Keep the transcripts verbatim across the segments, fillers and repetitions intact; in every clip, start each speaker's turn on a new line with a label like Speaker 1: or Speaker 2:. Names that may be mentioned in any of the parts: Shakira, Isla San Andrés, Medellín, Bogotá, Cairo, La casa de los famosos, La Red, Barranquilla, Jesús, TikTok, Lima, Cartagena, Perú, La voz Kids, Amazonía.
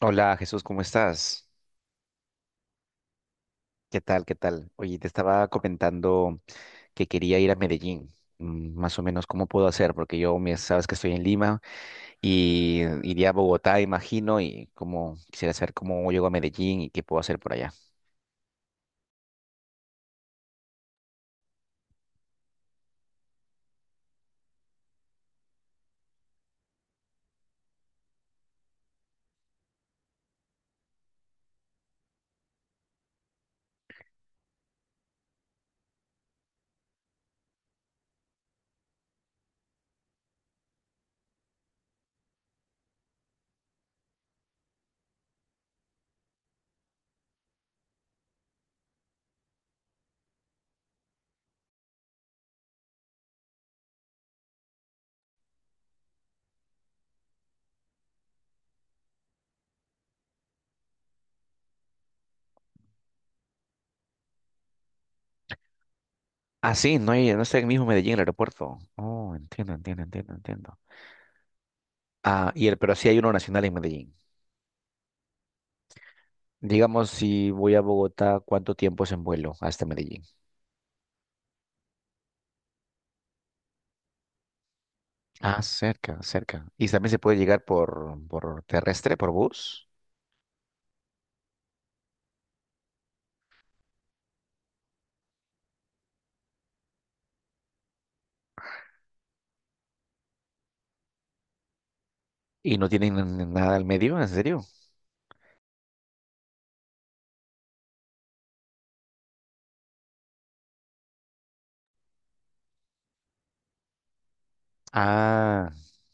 Speaker 1: Hola Jesús, ¿cómo estás? ¿Qué tal? ¿Qué tal? Oye, te estaba comentando que quería ir a Medellín. Mm, Más o menos, ¿cómo puedo hacer? Porque yo, me- sabes que estoy en Lima y iría a Bogotá, imagino, y como quisiera saber cómo llego a Medellín y qué puedo hacer por allá. Ah, sí, no, hay- no está en el mismo Medellín, el aeropuerto. Oh, entiendo, entiendo, entiendo, entiendo. Ah, y el, pero sí hay uno nacional en Medellín. Digamos, si voy a Bogotá, ¿cuánto tiempo es en vuelo hasta Medellín? Ah, cerca, cerca. Y también se puede llegar por, por terrestre, por bus. Y no tienen nada al medio, ¿en serio? Ah,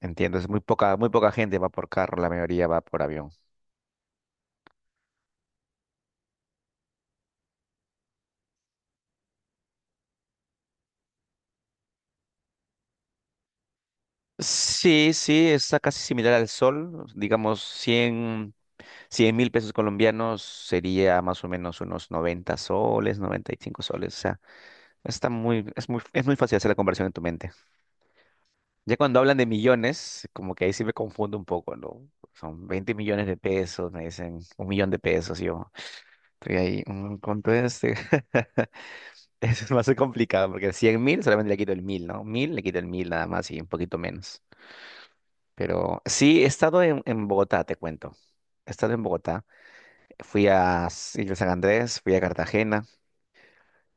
Speaker 1: entiendo. Es muy poca, muy poca gente va por carro, la mayoría va por avión. Sí, sí, está casi similar al sol. Digamos, cien, cien mil pesos colombianos sería más o menos unos noventa soles, noventa y cinco soles. O sea, está muy, es muy, es muy fácil hacer la conversión en tu mente. Ya cuando hablan de millones, como que ahí sí me confundo un poco, ¿no? Son veinte millones de pesos, me dicen un millón de pesos, y yo estoy ahí, mm, ¿cuánto es? Eso es más complicado, porque cien mil solamente le quito el mil, ¿no? Mil le quito el mil nada más y un poquito menos. Pero sí, he estado en, en Bogotá, te cuento. He estado en Bogotá, fui a S- Isla San Andrés, fui a Cartagena,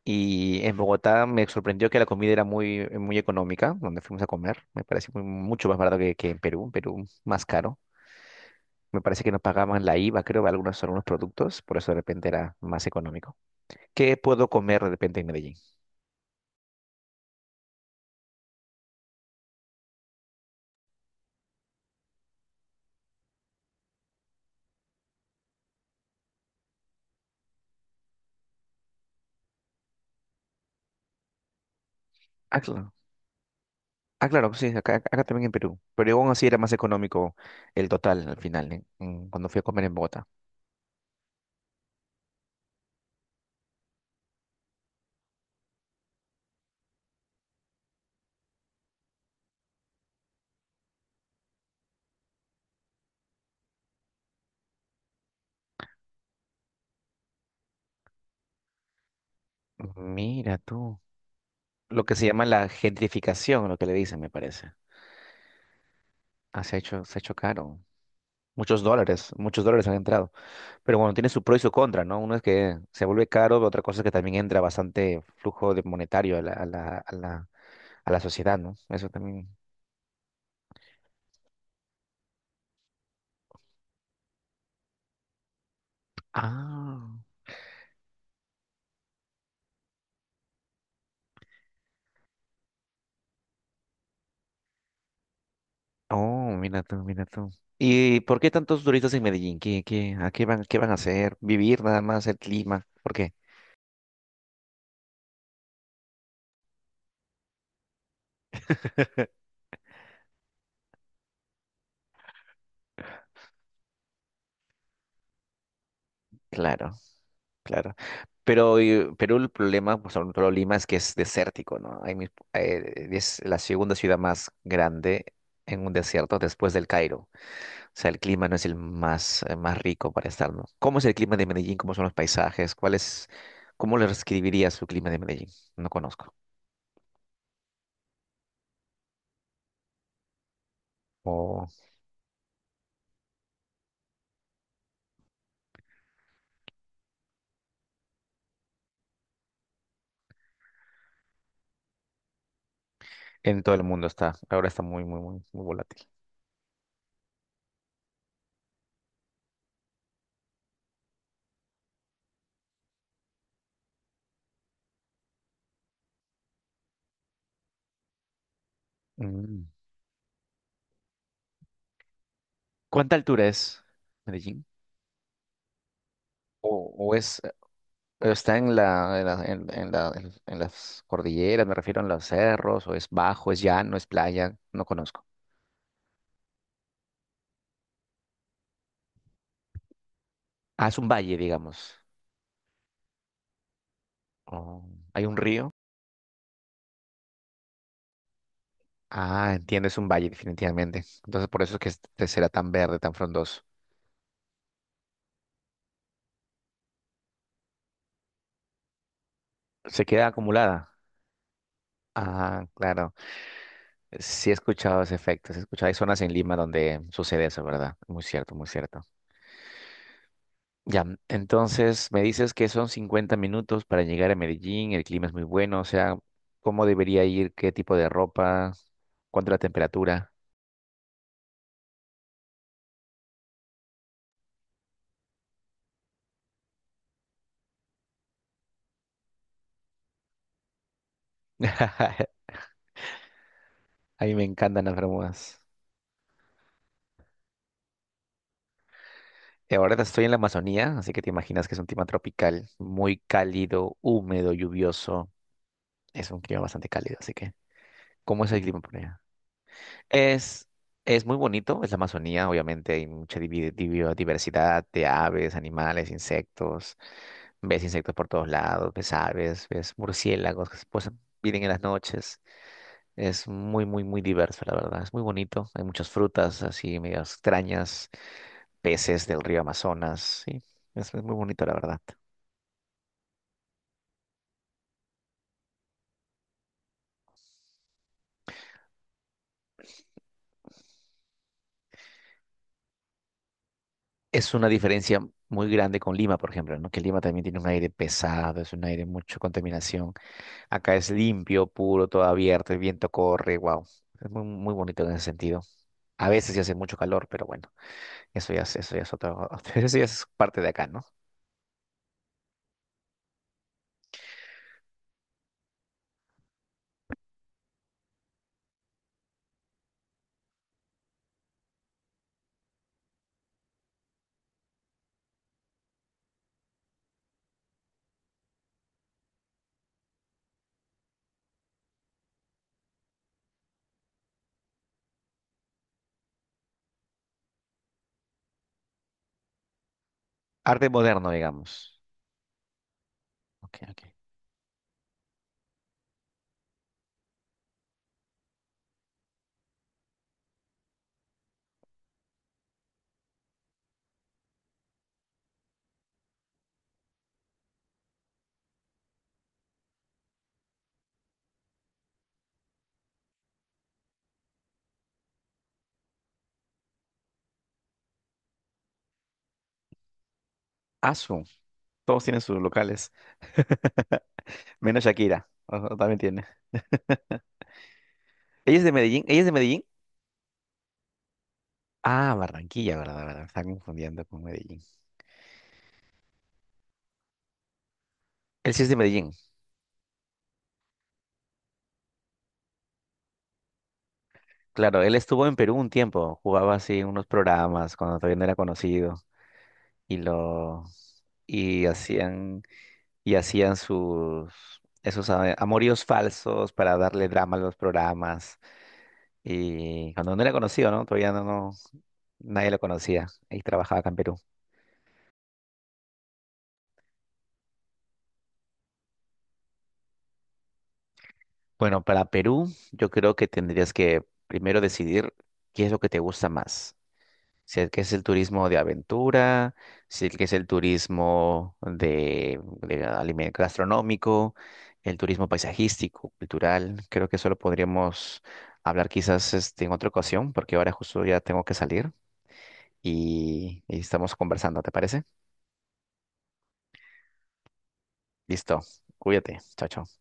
Speaker 1: y en Bogotá me sorprendió que la comida era muy, muy económica, donde fuimos a comer. Me pareció muy- mucho más barato que, que en Perú, en Perú más caro. Me parece que no pagaban la IVA, creo, de algunos, algunos productos, por eso de repente era más económico. ¿Qué puedo comer de repente en Medellín? Ah, claro. Ah, claro, sí, acá, acá también en Perú. Pero aún así era más económico el total al final, ¿eh? Mm, Cuando fui a comer en Bogotá. Mira tú. Lo que se llama la gentrificación, lo que le dicen, me parece. Ah, se ha hecho, se ha hecho caro. Muchos dólares, muchos dólares han entrado. Pero bueno, tiene su pro y su contra, ¿no? Uno es que se vuelve caro, otra cosa es que también entra bastante flujo de monetario a la, a la, a la a la sociedad, ¿no? Eso también. Ah. Oh, mira tú, mira tú. ¿Y por qué tantos turistas en Medellín? ¿Qué, qué, a qué van, qué van a hacer? ¿Vivir nada más el clima? ¿Por qué? Claro, claro. Pero eh, Perú, el problema, pues sobre todo Lima, es que es desértico, ¿no? Hay mis- eh, es la segunda ciudad más grande en un desierto después del Cairo. O sea, el clima no es el más, eh, más rico para estar, ¿no? ¿Cómo es el clima de Medellín? ¿Cómo son los paisajes? ¿Cuál es, cómo le describirías su clima de Medellín? No conozco. O en todo el mundo está. Ahora está muy, muy, muy, muy volátil. Mm. ¿Cuánta altura es Medellín? ¿O, o es, o está en la, en la- en- en la- en- en las cordilleras, me refiero a los cerros, o es bajo, es llano, es playa? No conozco. Ah, es un valle, digamos. Oh, ¿hay un río? Ah, entiendo, es un valle definitivamente. Entonces por eso es que este será tan verde, tan frondoso. ¿Se queda acumulada? Ah, claro. Sí he escuchado ese efecto, sí he escuchado. Hay zonas en Lima donde sucede eso, ¿verdad? Muy cierto, muy cierto. Ya, mm, entonces me dices que son cincuenta minutos para llegar a Medellín, el clima es muy bueno, o sea, ¿cómo debería ir? ¿Qué tipo de ropa? ¿Cuánto la temperatura? A mí me encantan las Bermudas. Y ahora estoy en la Amazonía, así que te imaginas que es un clima tropical, muy cálido, húmedo, lluvioso. Es un clima bastante cálido, así que, ¿cómo es el clima por allá? Es, es muy bonito, es la Amazonía, obviamente hay mucha divi- divi- diversidad de aves, animales, insectos. Ves insectos por todos lados, ves aves, ves murciélagos que se posan- vienen en las noches. Es muy, muy, muy diverso, la verdad. Es muy bonito. Hay muchas frutas así medio extrañas, peces del río Amazonas. Sí, es, es muy bonito, la verdad. Es una diferencia muy grande con Lima, por ejemplo, ¿no? Que Lima también tiene un aire pesado, es un aire mucho contaminación. Acá es limpio, puro, todo abierto, el viento corre, wow. Es muy, muy bonito en ese sentido. A veces ya hace mucho calor, pero bueno, eso ya es, eso ya es otro, eso ya es parte de acá, ¿no? Arte moderno, digamos. Ok, ok. Asu, todos tienen sus locales, menos Shakira, o- también tiene. ¿Ella es de Medellín? ¿Ella es de Medellín? Ah, Barranquilla, verdad, verdad, me está confundiendo con Medellín. Él sí es de Medellín, claro, él estuvo en Perú un tiempo, jugaba así en unos programas cuando todavía no era conocido y lo y hacían y hacían sus esos a- amoríos falsos para darle drama a los programas y cuando no era conocido, ¿no? Todavía no, no nadie lo conocía y trabajaba acá en Perú. Bueno, para Perú, yo creo que tendrías que primero decidir qué es lo que te gusta más. Si es que es el turismo de aventura, si es que es el turismo de, de alime- gastronómico, el turismo paisajístico, cultural. Creo que eso lo podríamos hablar quizás este, en otra ocasión, porque ahora justo ya tengo que salir y, y estamos conversando, ¿te parece? Listo, cuídate, chao, chao.